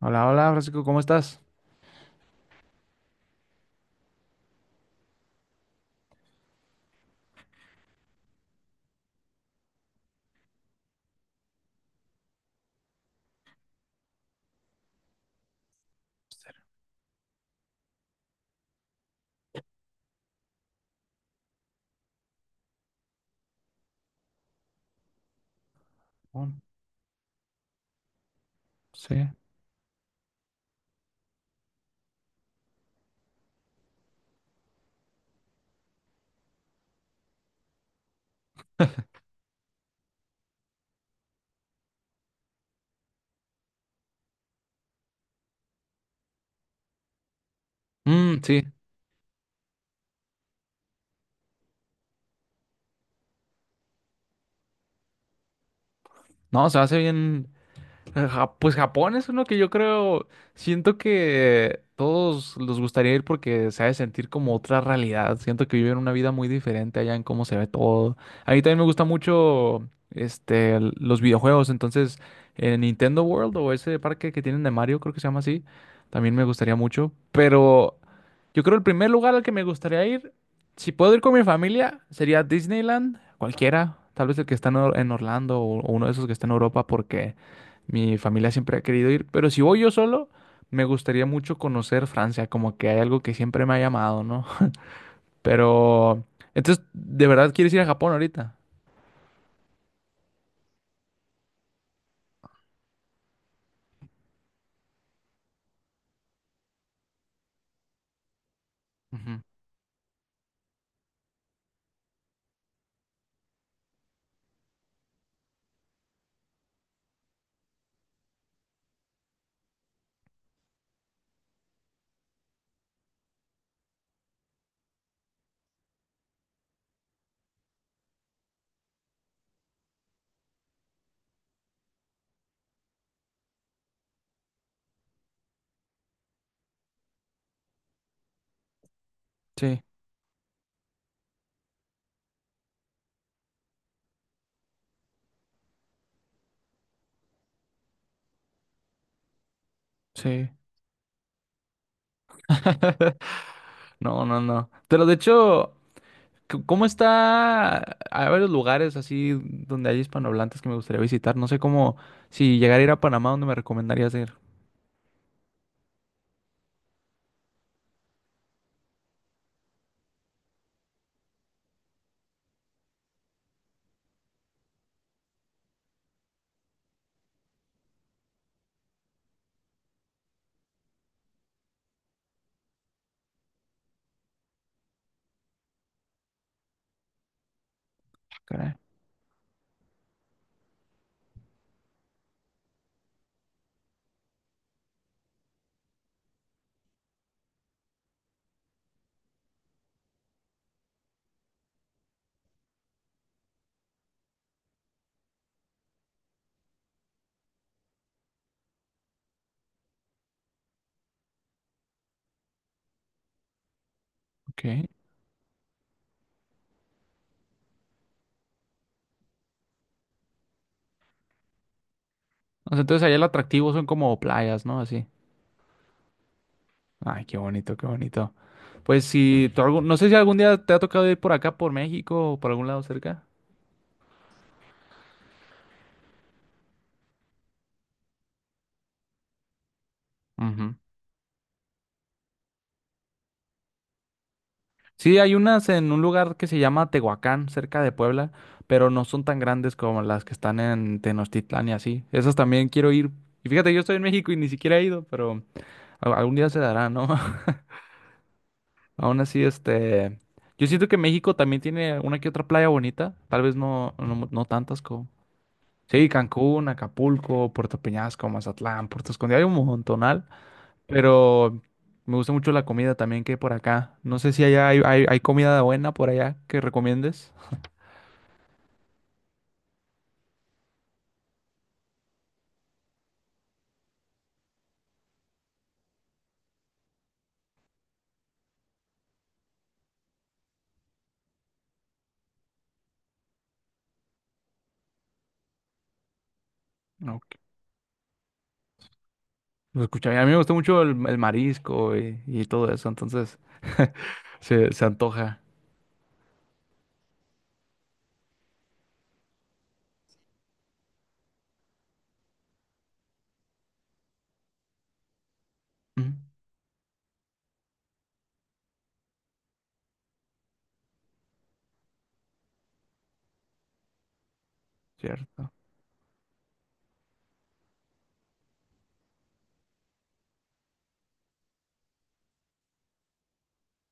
Hola, hola, Francisco, ¿cómo estás? Oh, sí. Mm, sí, no, se hace bien. Pues Japón es uno que yo creo, siento que todos les gustaría ir porque se ha de sentir como otra realidad. Siento que viven una vida muy diferente allá en cómo se ve todo. A mí también me gusta mucho los videojuegos, entonces en Nintendo World o ese parque que tienen de Mario, creo que se llama así, también me gustaría mucho. Pero yo creo el primer lugar al que me gustaría ir, si puedo ir con mi familia, sería Disneyland, cualquiera, tal vez el que está en en Orlando o uno de esos que está en Europa porque... Mi familia siempre ha querido ir, pero si voy yo solo, me gustaría mucho conocer Francia, como que hay algo que siempre me ha llamado, ¿no? Pero, entonces, ¿de verdad quieres ir a Japón ahorita? Ujú. Sí, sí. No, no, no. Pero de hecho, ¿cómo está? Hay varios lugares así donde hay hispanohablantes que me gustaría visitar. No sé cómo, si llegara a ir a Panamá, ¿dónde me recomendarías ir? Caray, ok. O sea, entonces allá el atractivo son como playas, ¿no? Así. Ay, qué bonito, qué bonito. Pues si tú no sé si algún día te ha tocado ir por acá, por México o por algún lado cerca. Ujú. Sí, hay unas en un lugar que se llama Tehuacán, cerca de Puebla, pero no son tan grandes como las que están en Tenochtitlán y así. Esas también quiero ir. Y fíjate, yo estoy en México y ni siquiera he ido, pero algún día se dará, ¿no? Aún así, este, yo siento que México también tiene una que otra playa bonita, tal vez no, no, no tantas como... Sí, Cancún, Acapulco, Puerto Peñasco, Mazatlán, Puerto Escondido, hay un montonal, pero me gusta mucho la comida también que hay por acá. No sé si allá hay comida buena por allá que recomiendes. No, lo escuché, a mí me gusta mucho el marisco y todo eso, entonces se antoja. Mm, cierto.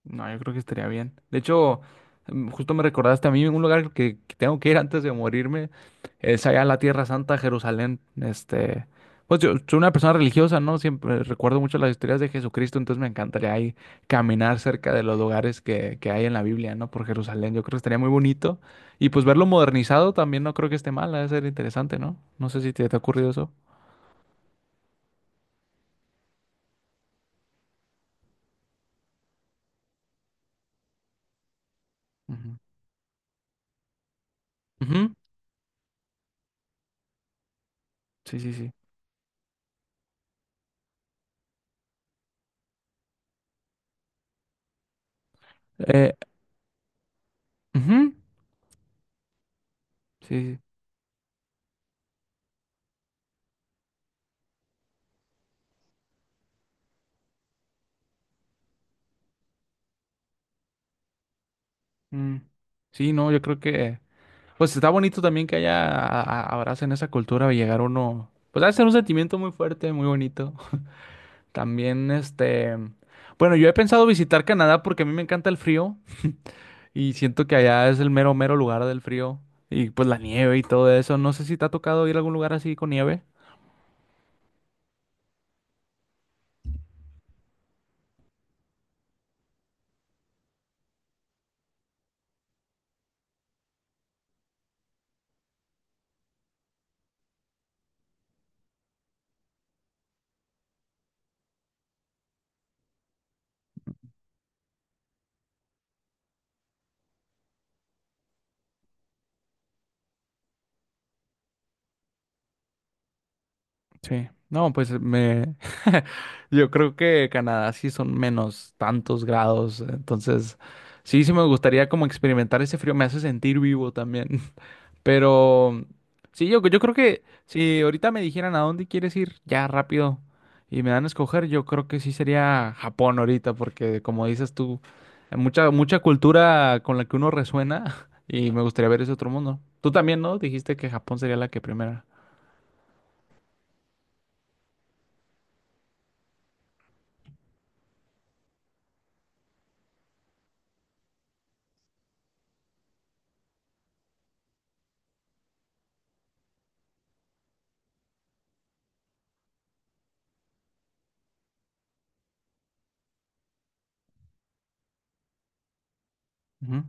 No, yo creo que estaría bien. De hecho, mm, justo me recordaste a mí un lugar que tengo que ir antes de morirme. Es allá en la Tierra Santa, Jerusalén. Este, pues yo soy una persona religiosa, ¿no? Siempre recuerdo mucho las historias de Jesucristo, entonces me encantaría ahí caminar cerca de los lugares que hay en la Biblia, ¿no? Por Jerusalén. Yo creo que estaría muy bonito. Y pues verlo modernizado también no creo que esté mal, ha de ser interesante, ¿no? No sé si te, te ha ocurrido eso. Ujú. Ujú. Sí, sí, sí. Eh, ujú. Sí, sí, sí. Mm. Sí, no, yo creo que... Pues está bonito también que haya, abracen esa cultura y llegar uno, pues debe ser un sentimiento muy fuerte, muy bonito. También, este, bueno, yo he pensado visitar Canadá porque a mí me encanta el frío y siento que allá es el mero, mero lugar del frío y pues la nieve y todo eso. No sé si te ha tocado ir a algún lugar así con nieve. Sí, no, pues me, yo creo que Canadá sí son menos tantos grados, entonces sí, sí me gustaría como experimentar ese frío, me hace sentir vivo también. Pero sí, yo creo que si ahorita me dijeran a dónde quieres ir ya rápido y me dan a escoger, yo creo que sí sería Japón ahorita, porque como dices tú, hay mucha, mucha cultura con la que uno resuena y me gustaría ver ese otro mundo. Tú también, ¿no? Dijiste que Japón sería la que primera. Ujú.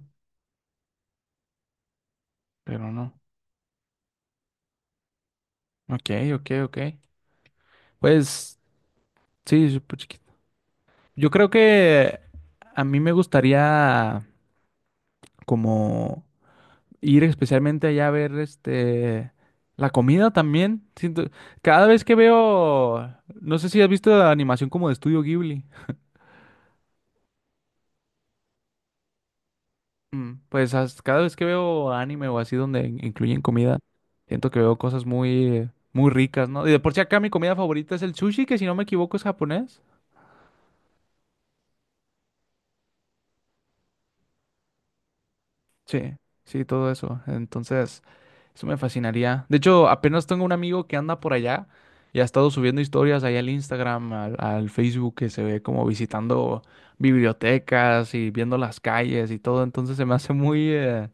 Pero no. Ok, ok, ok. Pues sí, súper chiquito. Yo creo que a mí me gustaría como... ir especialmente allá a ver este la comida también. Siento, cada vez que veo, no sé si has visto la animación como de Estudio Ghibli. Mm, pues cada vez que veo anime o así donde incluyen comida, siento que veo cosas muy muy ricas, ¿no? Y de por sí acá mi comida favorita es el sushi, que si no me equivoco es japonés. Sí, sí, todo eso. Entonces, eso me fascinaría. De hecho, apenas tengo un amigo que anda por allá y ha estado subiendo historias ahí al Instagram, al Facebook, que se ve como visitando bibliotecas y viendo las calles y todo. Entonces se me hace muy,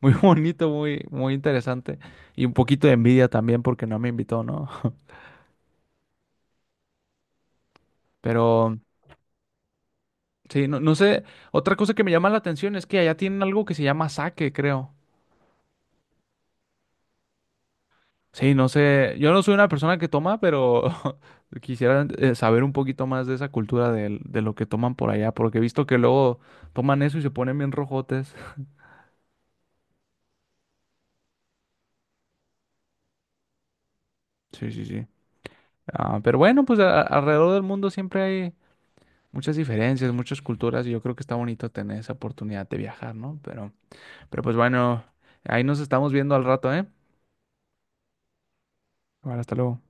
muy bonito, muy, muy interesante. Y un poquito de envidia también porque no me invitó, ¿no? Pero sí, no, no sé. Otra cosa que me llama la atención es que allá tienen algo que se llama sake, creo. Sí, no sé, yo no soy una persona que toma, pero quisiera saber un poquito más de esa cultura de lo que toman por allá, porque he visto que luego toman eso y se ponen bien rojotes. Sí, sí, sí. Ah, pero bueno, pues alrededor del mundo siempre hay muchas diferencias, muchas culturas, y yo creo que está bonito tener esa oportunidad de viajar, ¿no? Pero pues bueno, ahí nos estamos viendo al rato, ¿eh? Bueno, hasta luego.